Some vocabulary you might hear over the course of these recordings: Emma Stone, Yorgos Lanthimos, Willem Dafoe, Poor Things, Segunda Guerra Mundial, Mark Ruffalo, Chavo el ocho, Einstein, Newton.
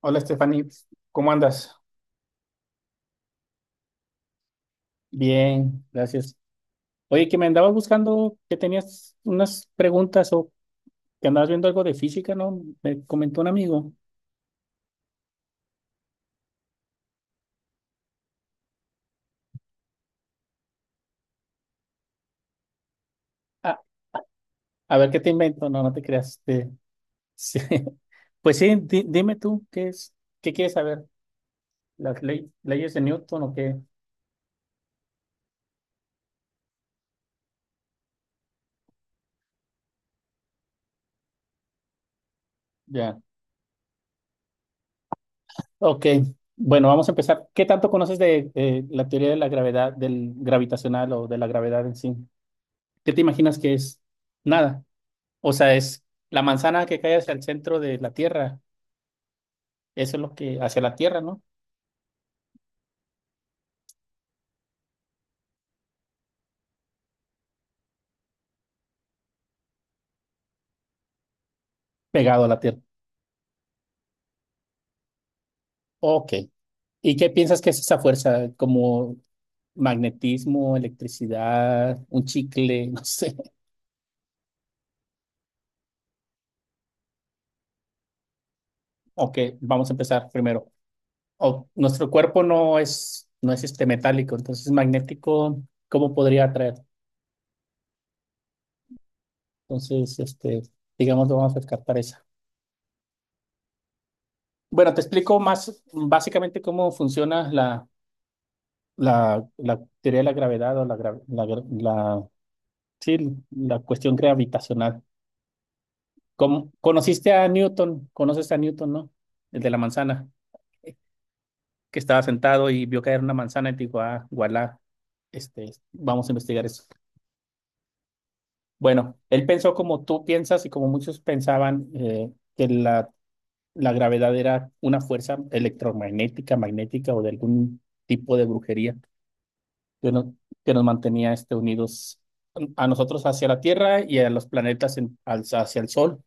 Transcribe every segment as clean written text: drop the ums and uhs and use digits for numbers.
Hola, Stephanie, ¿cómo andas? Bien, gracias. Oye, que me andabas buscando, que tenías unas preguntas o que andabas viendo algo de física, ¿no? Me comentó un amigo. Ah, a ver qué te invento, no, no te creas. Sí. Pues sí, dime tú, ¿qué es? ¿Qué quieres saber? ¿Las leyes de Newton o qué? Ya. Ok, bueno, vamos a empezar. ¿Qué tanto conoces de, la teoría de la gravedad, del gravitacional o de la gravedad en sí? ¿Qué te imaginas que es? Nada. O sea, es la manzana que cae hacia el centro de la Tierra. Eso es lo que, hacia la Tierra, ¿no? Pegado a la Tierra. Ok. ¿Y qué piensas que es esa fuerza? ¿Como magnetismo, electricidad, un chicle? No sé. Ok, vamos a empezar primero. Nuestro cuerpo no es este metálico, entonces magnético, ¿cómo podría atraer? Entonces, digamos, vamos a descartar esa. Bueno, te explico más básicamente cómo funciona la teoría de la gravedad o sí, la cuestión gravitacional. ¿Conociste a Newton? ¿Conoces a Newton, no? El de la manzana, que estaba sentado y vio caer una manzana y dijo, ah, voilà, vamos a investigar eso. Bueno, él pensó como tú piensas y como muchos pensaban que la gravedad era una fuerza electromagnética, magnética o de algún tipo de brujería. que nos, que nos mantenía unidos a nosotros hacia la Tierra y a los planetas hacia el Sol,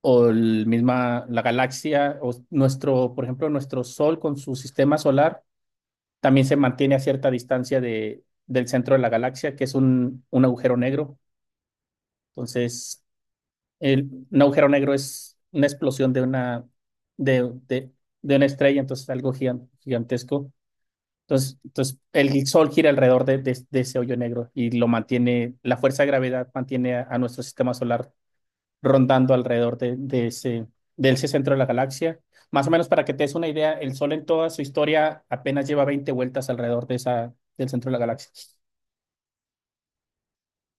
o el misma, la galaxia, o nuestro, por ejemplo, nuestro Sol con su sistema solar también se mantiene a cierta distancia del centro de la galaxia, que es un agujero negro. Entonces, el, un agujero negro es una explosión de, de, de una estrella, entonces algo gigantesco. Entonces el Sol gira alrededor de ese hoyo negro y lo mantiene, la fuerza de gravedad mantiene a nuestro sistema solar rondando alrededor de ese centro de la galaxia. Más o menos para que te des una idea, el Sol en toda su historia apenas lleva 20 vueltas alrededor del centro de la galaxia.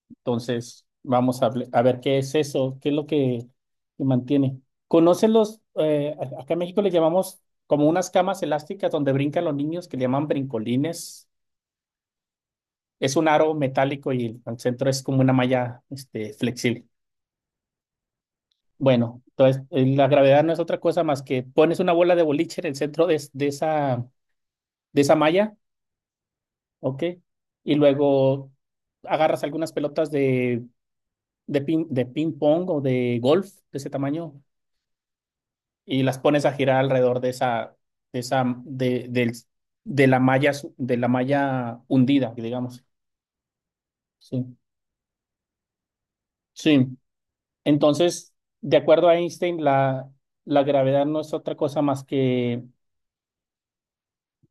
Entonces, a ver qué es eso, qué es lo que mantiene. ¿Conocen acá en México le llamamos como unas camas elásticas donde brincan los niños que le llaman brincolines? Es un aro metálico y el centro es como una malla, flexible. Bueno, entonces la gravedad no es otra cosa más que pones una bola de boliche en el centro de esa malla, ¿ok? Y luego agarras algunas pelotas de ping pong o de golf de ese tamaño y las pones a girar alrededor de esa, de, del- de la malla hundida, digamos. Sí, sí. Entonces, de acuerdo a Einstein, la gravedad no es otra cosa más que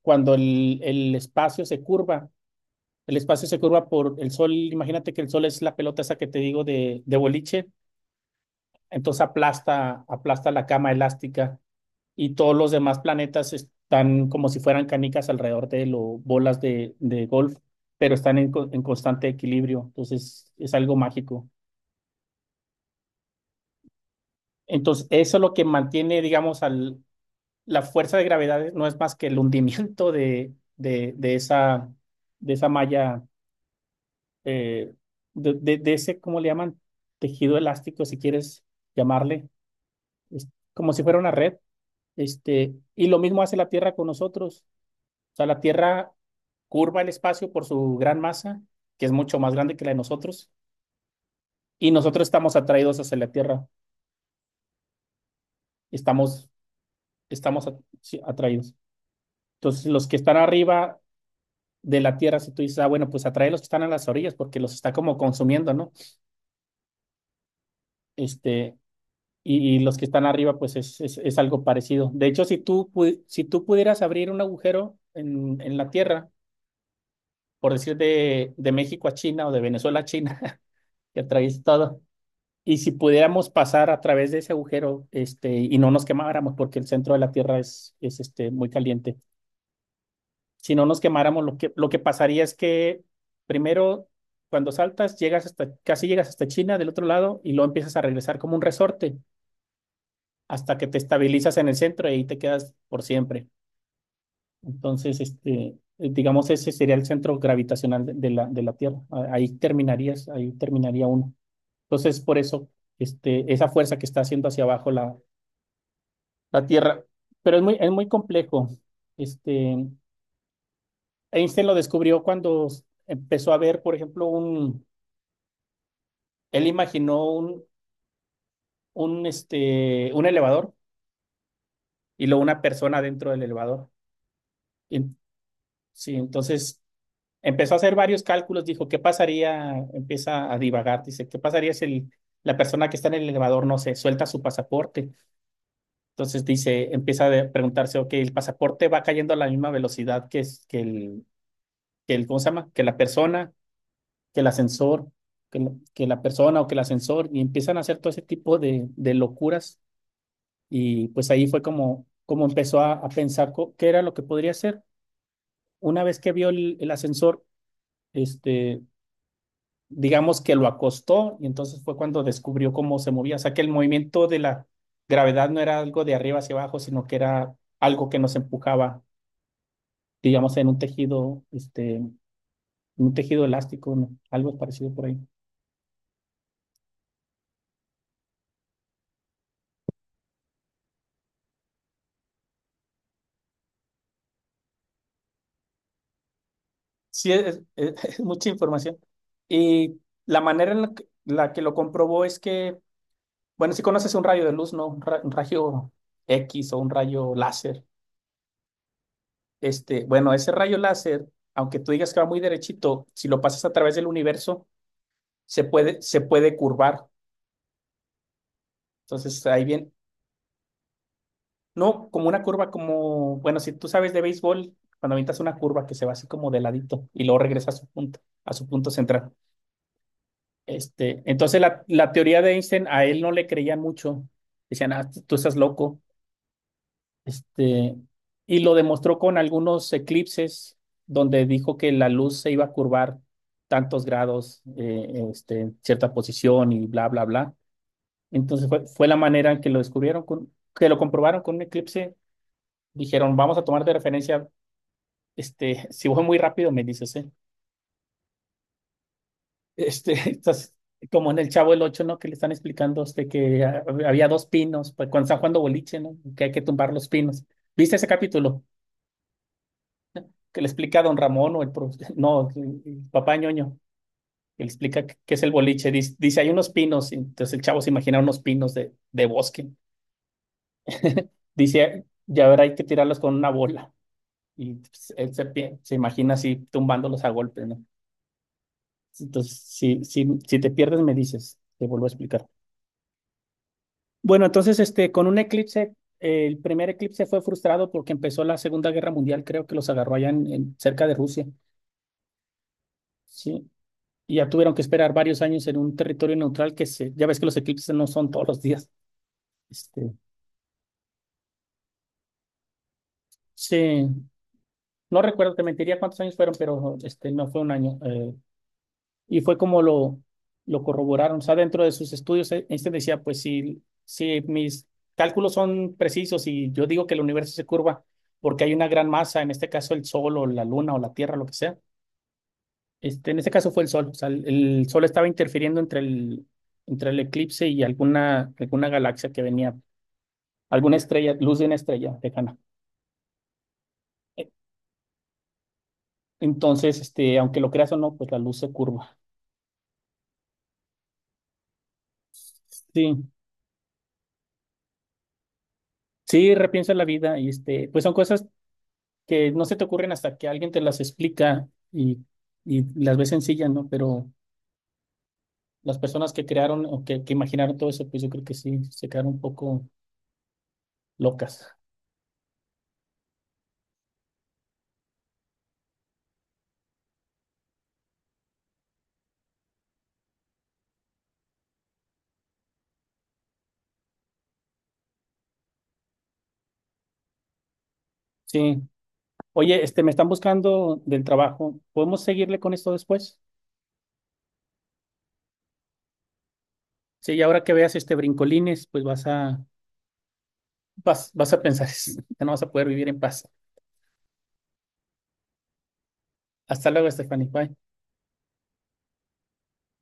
cuando el espacio se curva. El espacio se curva por el sol. Imagínate que el sol es la pelota esa que te digo de boliche. Entonces aplasta la cama elástica y todos los demás planetas están como si fueran canicas alrededor de él o bolas de golf, pero están en constante equilibrio. Entonces es algo mágico. Entonces eso es lo que mantiene, digamos, al, la fuerza de gravedad no es más que el hundimiento de esa malla, eh, de ese, ¿cómo le llaman? Tejido elástico, si quieres llamarle, es como si fuera una red. Y lo mismo hace la Tierra con nosotros. O sea, la Tierra curva el espacio por su gran masa, que es mucho más grande que la de nosotros, y nosotros estamos atraídos hacia la Tierra. Estamos, estamos, sí, atraídos. Entonces, los que están arriba de la Tierra, si tú dices, ah, bueno, pues atrae los que están a las orillas porque los está como consumiendo, ¿no? Este, y, los que están arriba, pues es algo parecido. De hecho, si tú pudieras abrir un agujero en la Tierra, por decir de México a China o de Venezuela a China, que atraviesa todo, y si pudiéramos pasar a través de ese agujero, y no nos quemáramos porque el centro de la Tierra es este, muy caliente. Si no nos quemáramos, lo que pasaría es que primero, cuando saltas, llegas hasta, casi llegas hasta China del otro lado y luego empiezas a regresar como un resorte hasta que te estabilizas en el centro y ahí te quedas por siempre. Entonces, digamos, ese sería el centro gravitacional de la Tierra. Ahí terminarías, ahí terminaría uno. Entonces, por eso, esa fuerza que está haciendo hacia abajo la Tierra. Pero es muy complejo. Este, Einstein lo descubrió cuando empezó a ver, por ejemplo, él imaginó un elevador y luego una persona dentro del elevador. Y- sí, entonces empezó a hacer varios cálculos, dijo, ¿qué pasaría? Empieza a divagar, dice, ¿qué pasaría si la persona que está en el elevador, no sé, suelta su pasaporte? Entonces dice, empieza a preguntarse, ok, el pasaporte va cayendo a la misma velocidad que ¿cómo se llama? Que la persona. Que el ascensor, que la persona o que el ascensor, y empiezan a hacer todo ese tipo de locuras. Y pues ahí fue como empezó a pensar qué era lo que podría hacer. Una vez que vio el ascensor, este, digamos que lo acostó y entonces fue cuando descubrió cómo se movía. O sea, que el movimiento de la gravedad no era algo de arriba hacia abajo, sino que era algo que nos empujaba, digamos, en un tejido, un tejido elástico, ¿no? Algo parecido por ahí. Sí, es es mucha información. Y la manera en la que lo comprobó es que, bueno, si conoces un rayo de luz, ¿no? Un rayo X o un rayo láser. Bueno, ese rayo láser, aunque tú digas que va muy derechito, si lo pasas a través del universo, se puede curvar. Entonces, ahí bien, no como una curva como, bueno, si tú sabes de béisbol, cuando avientas una curva que se va así como de ladito y luego regresa a su punto central. Entonces la teoría de Einstein a él no le creían mucho. Decían, ah, tú estás loco. Este, y lo demostró con algunos eclipses donde dijo que la luz se iba a curvar tantos grados, en cierta posición y bla, bla, bla. Entonces fue la manera en que lo descubrieron, que lo comprobaron con un eclipse. Dijeron, vamos a tomar de referencia, si voy muy rápido, me dices, ¿eh? Estás como en el Chavo el ocho, ¿no? Que le están explicando a usted que ah, había dos pinos, pues cuando están jugando boliche, ¿no? Que hay que tumbar los pinos. ¿Viste ese capítulo? Que le explica a don Ramón o el no, el papá ñoño, que le explica qué es el boliche. Dice, hay unos pinos, y entonces el chavo se imagina unos pinos de bosque. Dice, ya verá, hay que tirarlos con una bola. Y pues, se imagina así tumbándolos a golpes, ¿no? Entonces, si te pierdes, me dices, te vuelvo a explicar. Bueno, entonces, con un eclipse, el primer eclipse fue frustrado porque empezó la Segunda Guerra Mundial, creo que los agarró allá cerca de Rusia, ¿sí? Y ya tuvieron que esperar varios años en un territorio neutral que se, ya ves que los eclipses no son todos los días. Este, sí, no recuerdo, te mentiría cuántos años fueron, pero no fue un año. Y fue como lo corroboraron. O sea, dentro de sus estudios, Einstein decía, pues si mis cálculos son precisos y yo digo que el universo se curva porque hay una gran masa, en este caso el Sol o la Luna o la Tierra, lo que sea. En este caso fue el Sol. O sea, el Sol estaba interfiriendo entre entre el eclipse y alguna galaxia que venía, alguna estrella, luz de una estrella lejana. Eh, Entonces, aunque lo creas o no, pues la luz se curva. Sí, sí, repiensa la vida y pues son cosas que no se te ocurren hasta que alguien te las explica y, las ves sencillas, ¿no? Pero las personas que crearon o que imaginaron todo eso, pues yo creo que sí, se quedaron un poco locas. Sí. Oye, me están buscando del trabajo. ¿Podemos seguirle con esto después? Sí, y ahora que veas este brincolines, pues vas a pensar, ya no vas a poder vivir en paz. Hasta luego, Stephanie. Bye.